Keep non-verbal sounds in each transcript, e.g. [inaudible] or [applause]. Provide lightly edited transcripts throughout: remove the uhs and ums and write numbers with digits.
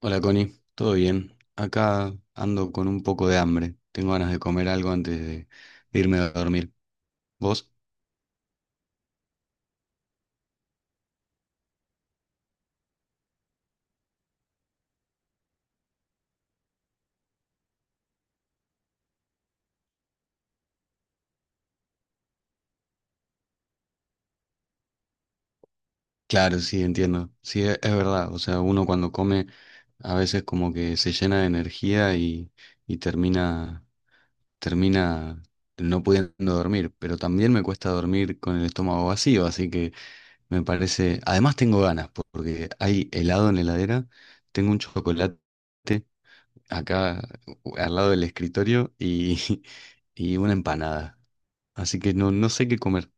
Hola Connie, ¿todo bien? Acá ando con un poco de hambre. Tengo ganas de comer algo antes de irme a dormir. ¿Vos? Claro, sí, entiendo. Sí, es verdad. O sea, uno cuando come a veces como que se llena de energía y termina no pudiendo dormir. Pero también me cuesta dormir con el estómago vacío, así que me parece. Además tengo ganas porque hay helado en la heladera, tengo un chocolate acá al lado del escritorio y, [laughs] y una empanada. Así que no sé qué comer.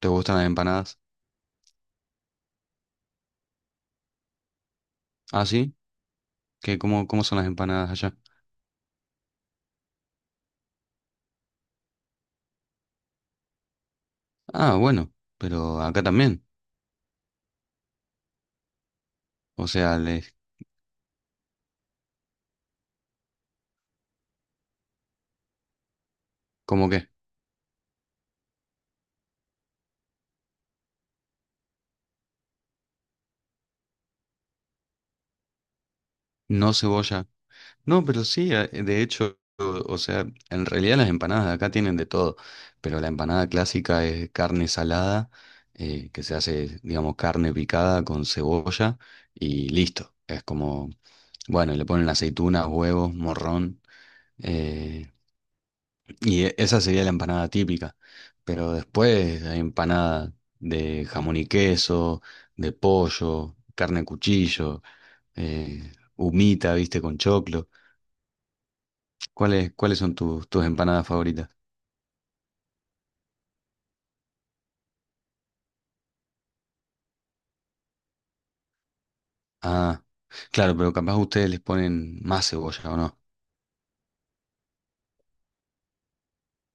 ¿Te gustan las empanadas? Ah, sí. ¿ ¿Cómo son las empanadas allá? Ah, bueno, pero acá también. O sea, les, ¿cómo qué? No cebolla. No, pero sí, de hecho, o sea, en realidad las empanadas de acá tienen de todo. Pero la empanada clásica es carne salada, que se hace, digamos, carne picada con cebolla y listo. Es como. Bueno, y le ponen aceitunas, huevos, morrón. eh, y esa sería la empanada típica. Pero después hay empanada de jamón y queso, de pollo, carne de cuchillo, humita, viste, con choclo. ¿Cuáles son tus empanadas favoritas? Ah, claro, pero capaz ustedes les ponen más cebolla, ¿o no?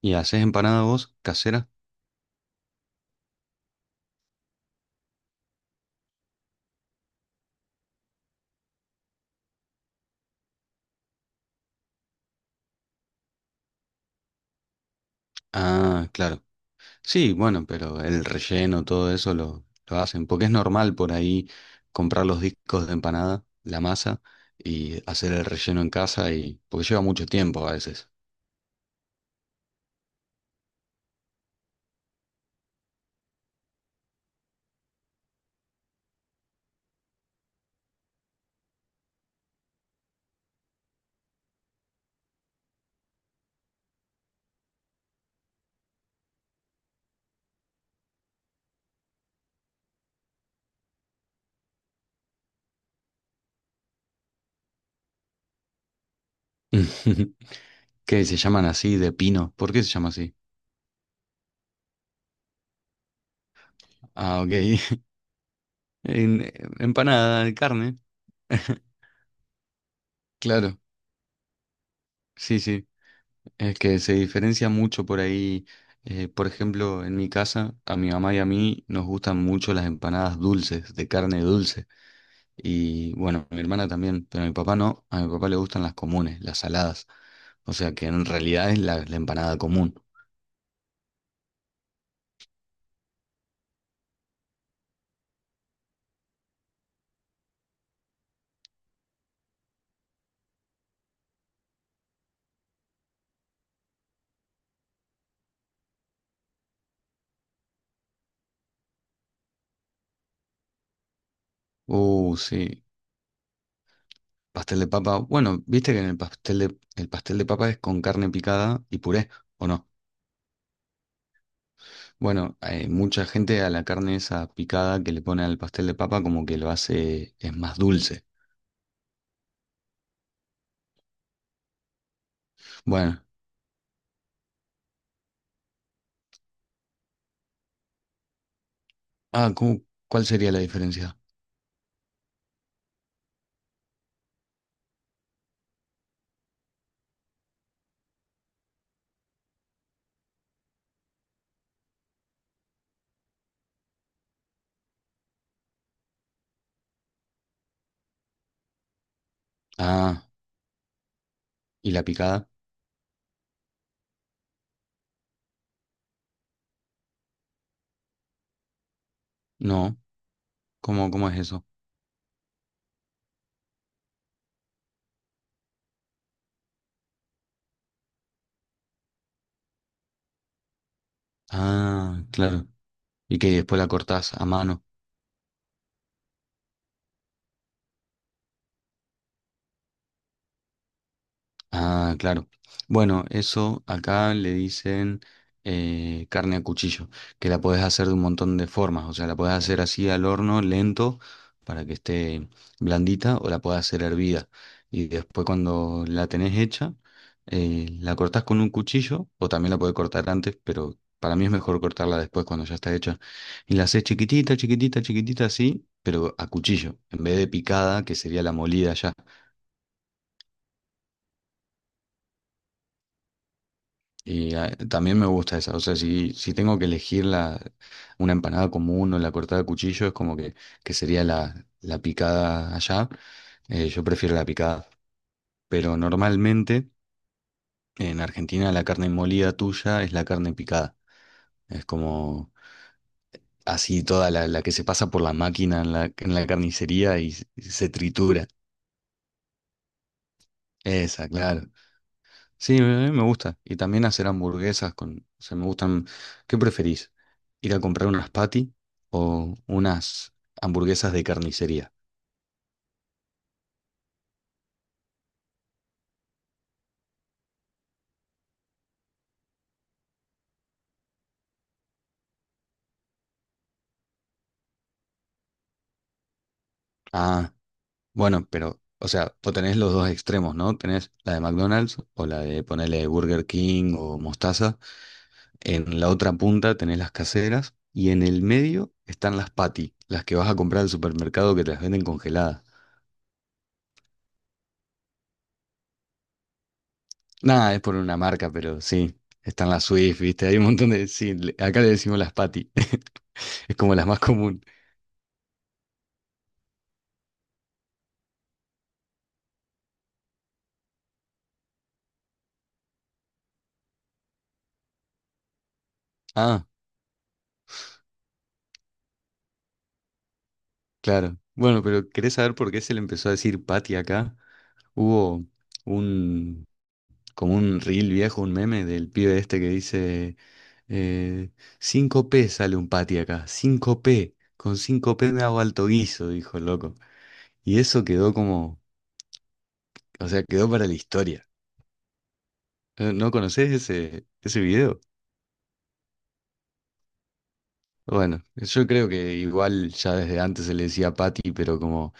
¿Y haces empanada vos, casera? Ah, claro. Sí, bueno, pero el relleno, todo eso lo hacen, porque es normal por ahí comprar los discos de empanada, la masa, y hacer el relleno en casa, y porque lleva mucho tiempo a veces. [laughs] ¿Qué se llaman así de pino? ¿Por qué se llama así? Ah, ok. [laughs] En- Empanada de carne. [laughs] Claro, sí, sí. Es que se diferencia mucho por ahí. Por ejemplo, en mi casa, a mi mamá y a mí nos gustan mucho las empanadas dulces, de carne dulce. Y bueno, mi hermana también, pero a mi papá no. A mi papá le gustan las comunes, las saladas. O sea que en realidad es la empanada común. Sí. Pastel de papa. Bueno, viste que en el pastel el pastel de papa es con carne picada y puré, ¿o no? Bueno, hay mucha gente a la carne esa picada que le pone al pastel de papa como que lo hace, es más dulce. Bueno, ah, ¿cuál sería la diferencia? Ah, ¿y la picada? No, ¿ ¿Cómo es eso? Ah, claro. Y que después la cortás a mano. Ah, claro. Bueno, eso acá le dicen carne a cuchillo, que la podés hacer de un montón de formas. O sea, la podés hacer así al horno, lento, para que esté blandita, o la podés hacer hervida. Y después cuando la tenés hecha, la cortás con un cuchillo, o también la podés cortar antes, pero para mí es mejor cortarla después cuando ya está hecha. Y la hacés chiquitita, chiquitita, chiquitita así, pero a cuchillo, en vez de picada, que sería la molida ya. Y ah, también me gusta esa. O sea, si tengo que elegir una empanada común o la cortada a cuchillo, es como que sería la picada allá. Yo prefiero la picada. Pero normalmente en Argentina la carne molida tuya es la carne picada. Es como así toda la que se pasa por la máquina en en la carnicería y se tritura. Esa, claro. Sí, me gusta. Y también hacer hamburguesas con, o sea, me gustan. ¿Qué preferís? ¿Ir a comprar unas patty o unas hamburguesas de carnicería? Ah, bueno, pero, o sea, o tenés los dos extremos, ¿no? Tenés la de McDonald's o la de ponerle Burger King o Mostaza. En la otra punta tenés las caseras y en el medio están las patty, las que vas a comprar al supermercado que te las venden congeladas. Nada, es por una marca, pero sí. Están las Swift, ¿viste? Hay un montón de... Sí, acá le decimos las Patty. [laughs] Es como las más común. Ah, claro. Bueno, pero ¿querés saber por qué se le empezó a decir Patty acá? Hubo un... como un reel viejo, un meme del pibe este que dice... Eh, 5P sale un Patty acá. 5P. Con 5P me hago alto guiso, dijo el loco. Y eso quedó como... O sea, quedó para la historia. ¿No conocés ese video? Bueno, yo creo que igual ya desde antes se le decía Patty, pero como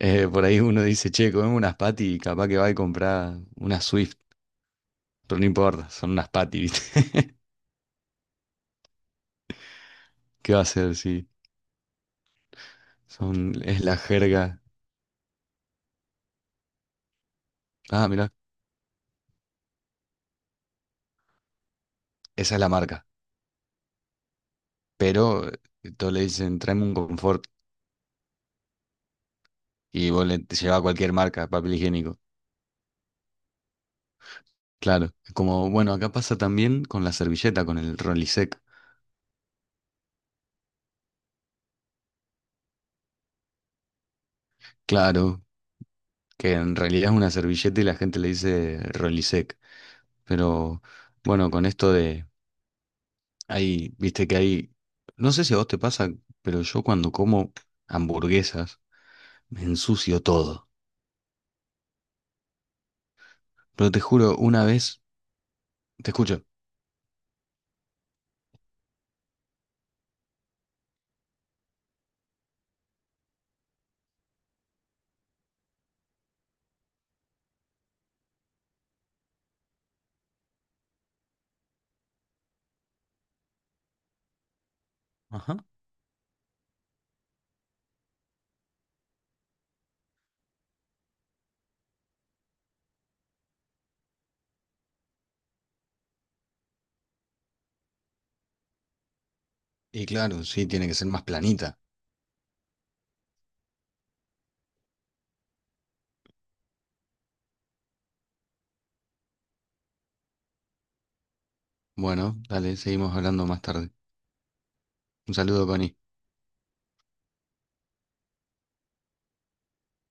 por ahí uno dice, che, comemos unas Patty y capaz que va y compra unas Swift, pero no importa, son unas Patty, ¿viste? [laughs] ¿Qué va a hacer si es la jerga? Ah, mira, esa es la marca, pero todos le dicen, tráeme un confort y vos le te llevas cualquier marca, papel higiénico. Claro, como bueno, acá pasa también con la servilleta, con el Rolisec. Claro, que en realidad es una servilleta y la gente le dice Rolisec. Pero bueno, con esto de, hay, viste que hay, no sé si a vos te pasa, pero yo cuando como hamburguesas me ensucio todo. Pero te juro, una vez, te escucho. Ajá. Y claro, sí, tiene que ser más planita. Bueno, dale, seguimos hablando más tarde. Un saludo, Connie.